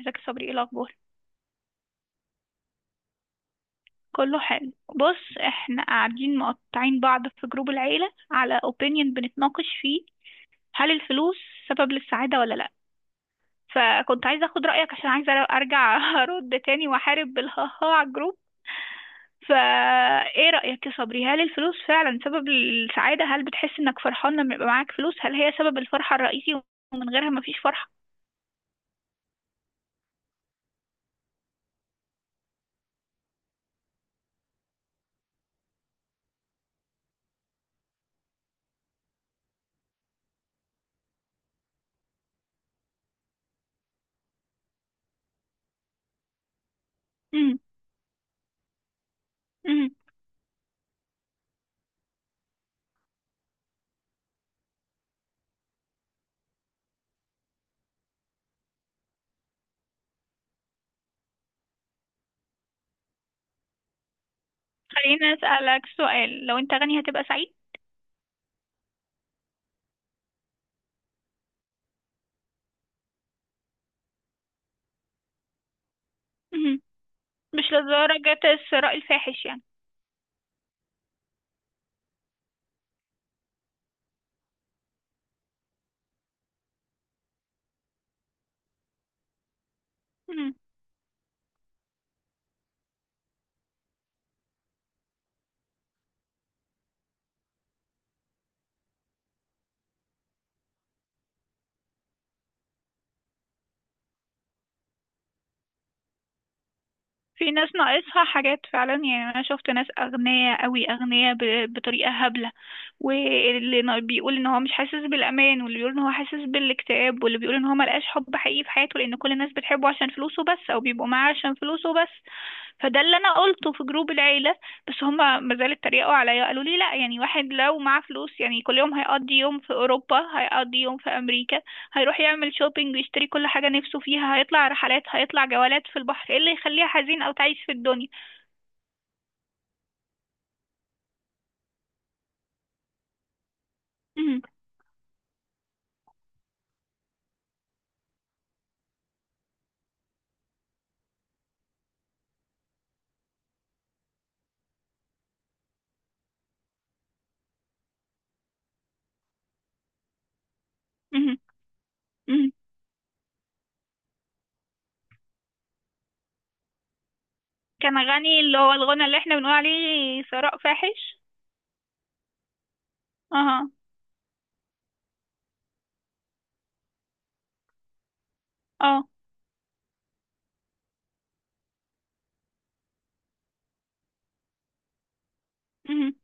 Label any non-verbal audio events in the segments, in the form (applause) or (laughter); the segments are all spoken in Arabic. ازيك يا صبري، ايه الاخبار؟ كله حلو. بص احنا قاعدين مقطعين بعض في جروب العيله على اوبينيون، بنتناقش فيه هل الفلوس سبب للسعاده ولا لا. فكنت عايزه اخد رايك عشان عايزه ارجع (laughs) ارد تاني واحارب بالهاها على الجروب. فا ايه رايك يا صبري؟ هل الفلوس فعلا سبب للسعاده؟ هل بتحس انك فرحان لما يبقى معاك فلوس؟ هل هي سبب الفرحه الرئيسي ومن غيرها مفيش فرحه؟ امم. امم. خليني اسالك سؤال، لو انت غني هتبقى سعيد؟ امم. مش لدرجة الثراء الفاحش يعني. مم. في ناس ناقصها حاجات فعلا، يعني انا شفت ناس اغنياء قوي، اغنياء بطريقه هبله. واللي بيقول ان هو مش حاسس بالامان، واللي بيقول ان هو حاسس بالاكتئاب، واللي بيقول ان هو ملقاش حب حقيقي في حياته لان كل الناس بتحبه عشان فلوسه بس او بيبقوا معاه عشان فلوسه بس. فده اللي انا قلته في جروب العيله، بس هما ما زالوا اتريقوا عليا. قالوا لي لا، يعني واحد لو معاه فلوس يعني كل يوم هيقضي يوم في اوروبا، هيقضي يوم في امريكا، هيروح يعمل شوبينج ويشتري كل حاجه نفسه فيها، هيطلع رحلات، هيطلع جولات في البحر، ايه اللي يخليه حزين او تعيس في الدنيا؟ مهم. مهم. مهم. كان غني، اللي هو الغنى اللي احنا بنقول عليه ثراء فاحش. اها. اه. مهم.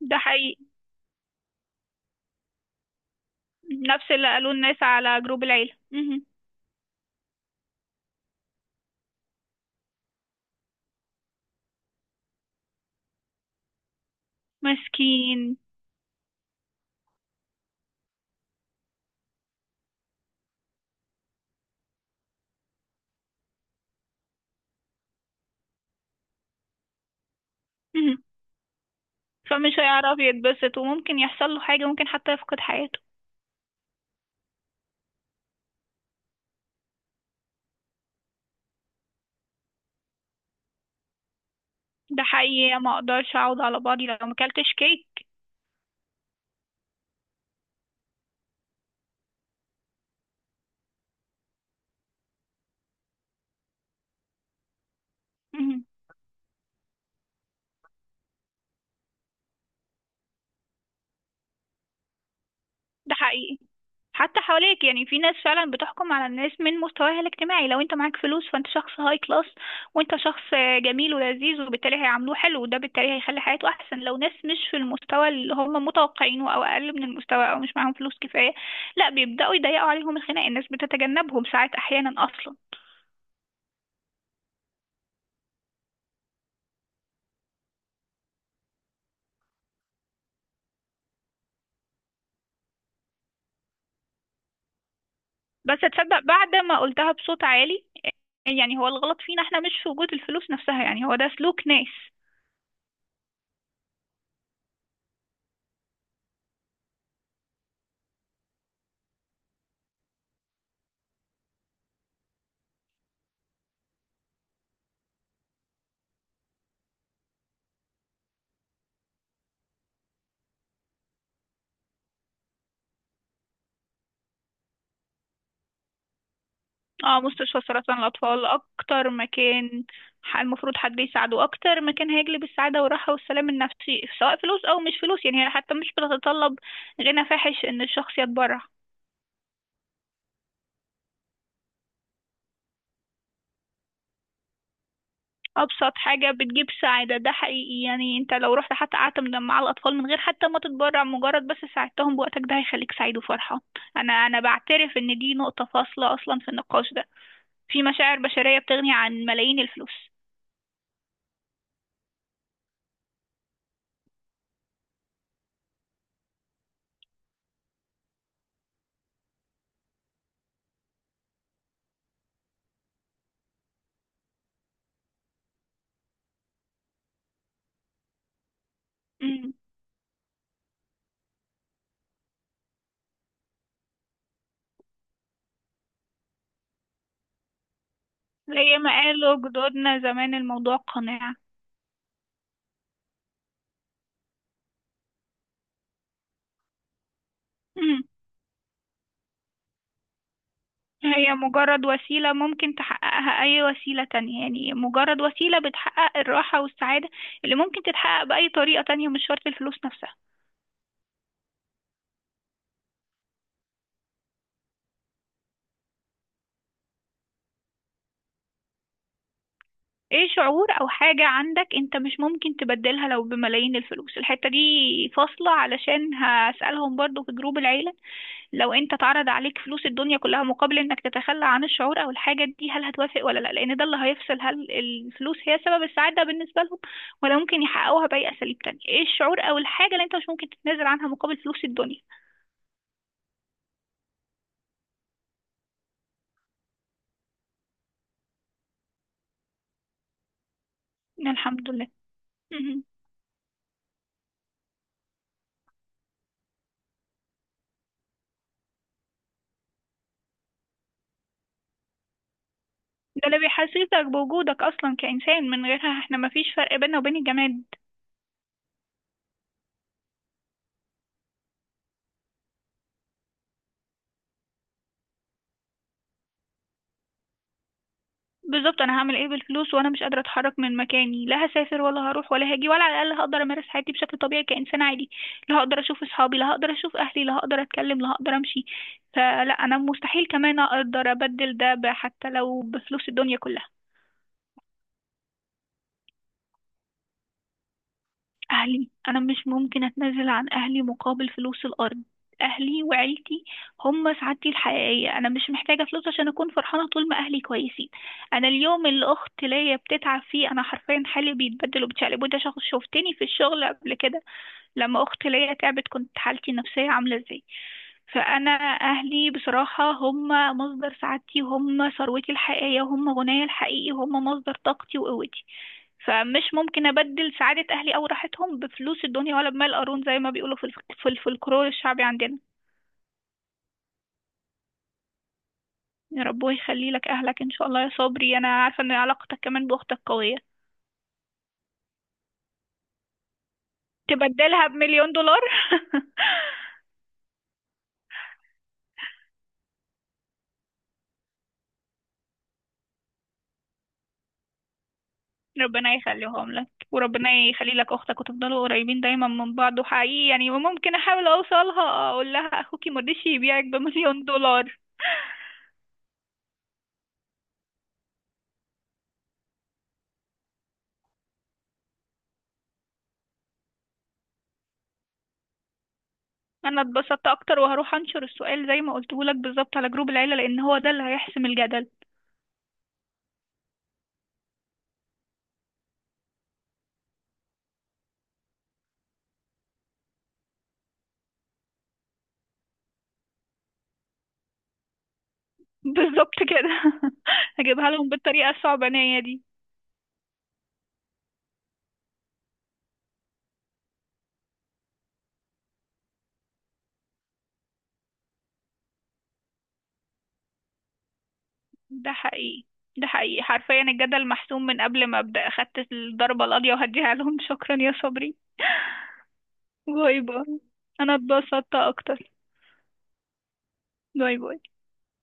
ده حقيقي. نفس اللي قالوه الناس على جروب العيله. مهم. مسكين. فمش هيعرف يتبسط وممكن يحصل له حاجة، ممكن حتى يفقد حياته. ده حقيقي، ما اقدرش اعود على بعضي لو ما اكلتش كيك. مم. ده حقيقي. حتى حواليك، يعني في ناس فعلا بتحكم على الناس من مستواها الاجتماعي. لو انت معاك فلوس فانت شخص هاي كلاس وانت شخص جميل ولذيذ، وبالتالي هيعاملوه حلو، وده بالتالي هيخلي حياته احسن. لو ناس مش في المستوى اللي هم متوقعينه او اقل من المستوى او مش معاهم فلوس كفاية، لا بيبدأوا يضيقوا عليهم الخناق، الناس بتتجنبهم ساعات، احيانا اصلا. بس تصدق، بعد ما قلتها بصوت عالي، يعني هو الغلط فينا احنا مش في وجود الفلوس نفسها، يعني هو ده سلوك ناس. اه. مستشفى سرطان الأطفال أكتر مكان، المفروض حد يساعده، أكتر مكان هيجلب السعادة والراحة والسلام النفسي، سواء فلوس أو مش فلوس. يعني هي حتى مش بتتطلب غنى فاحش إن الشخص يتبرع. أبسط حاجة بتجيب سعادة، ده حقيقي. يعني أنت لو رحت حتى قعدت مع الأطفال من غير حتى ما تتبرع، مجرد بس ساعدتهم بوقتك، ده هيخليك سعيد وفرحة. أنا بعترف إن دي نقطة فاصلة أصلا في النقاش ده. في مشاعر بشرية بتغني عن ملايين الفلوس. مم. زي ما قالوا جدودنا زمان، الموضوع قناعة. مم. هي مجرد وسيلة ممكن تحققها أي وسيلة تانية، يعني مجرد وسيلة بتحقق الراحة والسعادة اللي ممكن تتحقق بأي طريقة تانية، مش شرط الفلوس نفسها. ايه شعور أو حاجة عندك انت مش ممكن تبدلها لو بملايين الفلوس؟ الحتة دي فاصلة علشان هسألهم برضو في جروب العيلة. لو انت اتعرض عليك فلوس الدنيا كلها مقابل انك تتخلى عن الشعور او الحاجة دي، هل هتوافق ولا لا؟ لان ده اللي هيفصل، هل الفلوس هي سبب السعادة بالنسبة لهم؟ ولا ممكن يحققوها بأي اساليب تانية؟ ايه الشعور او الحاجة اللي انت مش ممكن تتنازل عنها مقابل فلوس الدنيا؟ الحمد لله. مهم. ده اللي بيحسسك بوجودك اصلا كإنسان، من غيرها احنا مفيش فرق بيننا وبين الجماد. بالظبط، انا هعمل ايه بالفلوس وانا مش قادره اتحرك من مكاني؟ لا هسافر ولا هروح ولا هاجي، ولا على الاقل هقدر امارس حياتي بشكل طبيعي كانسان عادي. لا هقدر اشوف اصحابي، لا هقدر اشوف اهلي، لا هقدر اتكلم، لا هقدر امشي. فلا، انا مستحيل كمان اقدر ابدل ده حتى لو بفلوس الدنيا كلها. أهلي، أنا مش ممكن أتنازل عن أهلي مقابل فلوس الأرض. أهلي وعيلتي هم سعادتي الحقيقية. أنا مش محتاجة فلوس عشان أكون فرحانة طول ما أهلي كويسين. أنا اليوم اللي أخت ليا بتتعب فيه، أنا حرفيا حالي بيتبدل وبتشقلب، وده شخص شفتني في الشغل قبل كده لما أخت ليا تعبت، كنت حالتي النفسية عاملة إزاي. فأنا أهلي بصراحة هم مصدر سعادتي، هم ثروتي الحقيقية، هم غنايا الحقيقي، هم مصدر طاقتي وقوتي. فمش ممكن أبدل سعادة أهلي أو راحتهم بفلوس الدنيا، ولا بمال قارون زي ما بيقولوا في في الفلكلور الشعبي عندنا. يا رب يخلي لك أهلك إن شاء الله يا صبري، أنا عارفة إن علاقتك كمان بأختك قوية. تبدلها بمليون دولار؟ (laughs) ربنا يخليهم لك وربنا يخلي لك أختك وتفضلوا قريبين دايما من بعض. وحقيقي يعني ممكن أحاول أوصلها، أقول لها أخوكي مرضيش يبيعك بمليون دولار. أنا اتبسطت أكتر وهروح أنشر السؤال زي ما قلته لك بالظبط على جروب العيلة، لأن هو ده اللي هيحسم الجدل. بالظبط كده. (laughs) هجيبها لهم بالطريقة الصعبانية دي. ده حقيقي. ده حقيقي، حرفيا الجدل محسوم من قبل ما أبدأ، أخدت الضربة القاضية وهديها لهم. (laughs) شكرا يا صبري. باي باي. أنا اتبسطت أكتر. باي باي.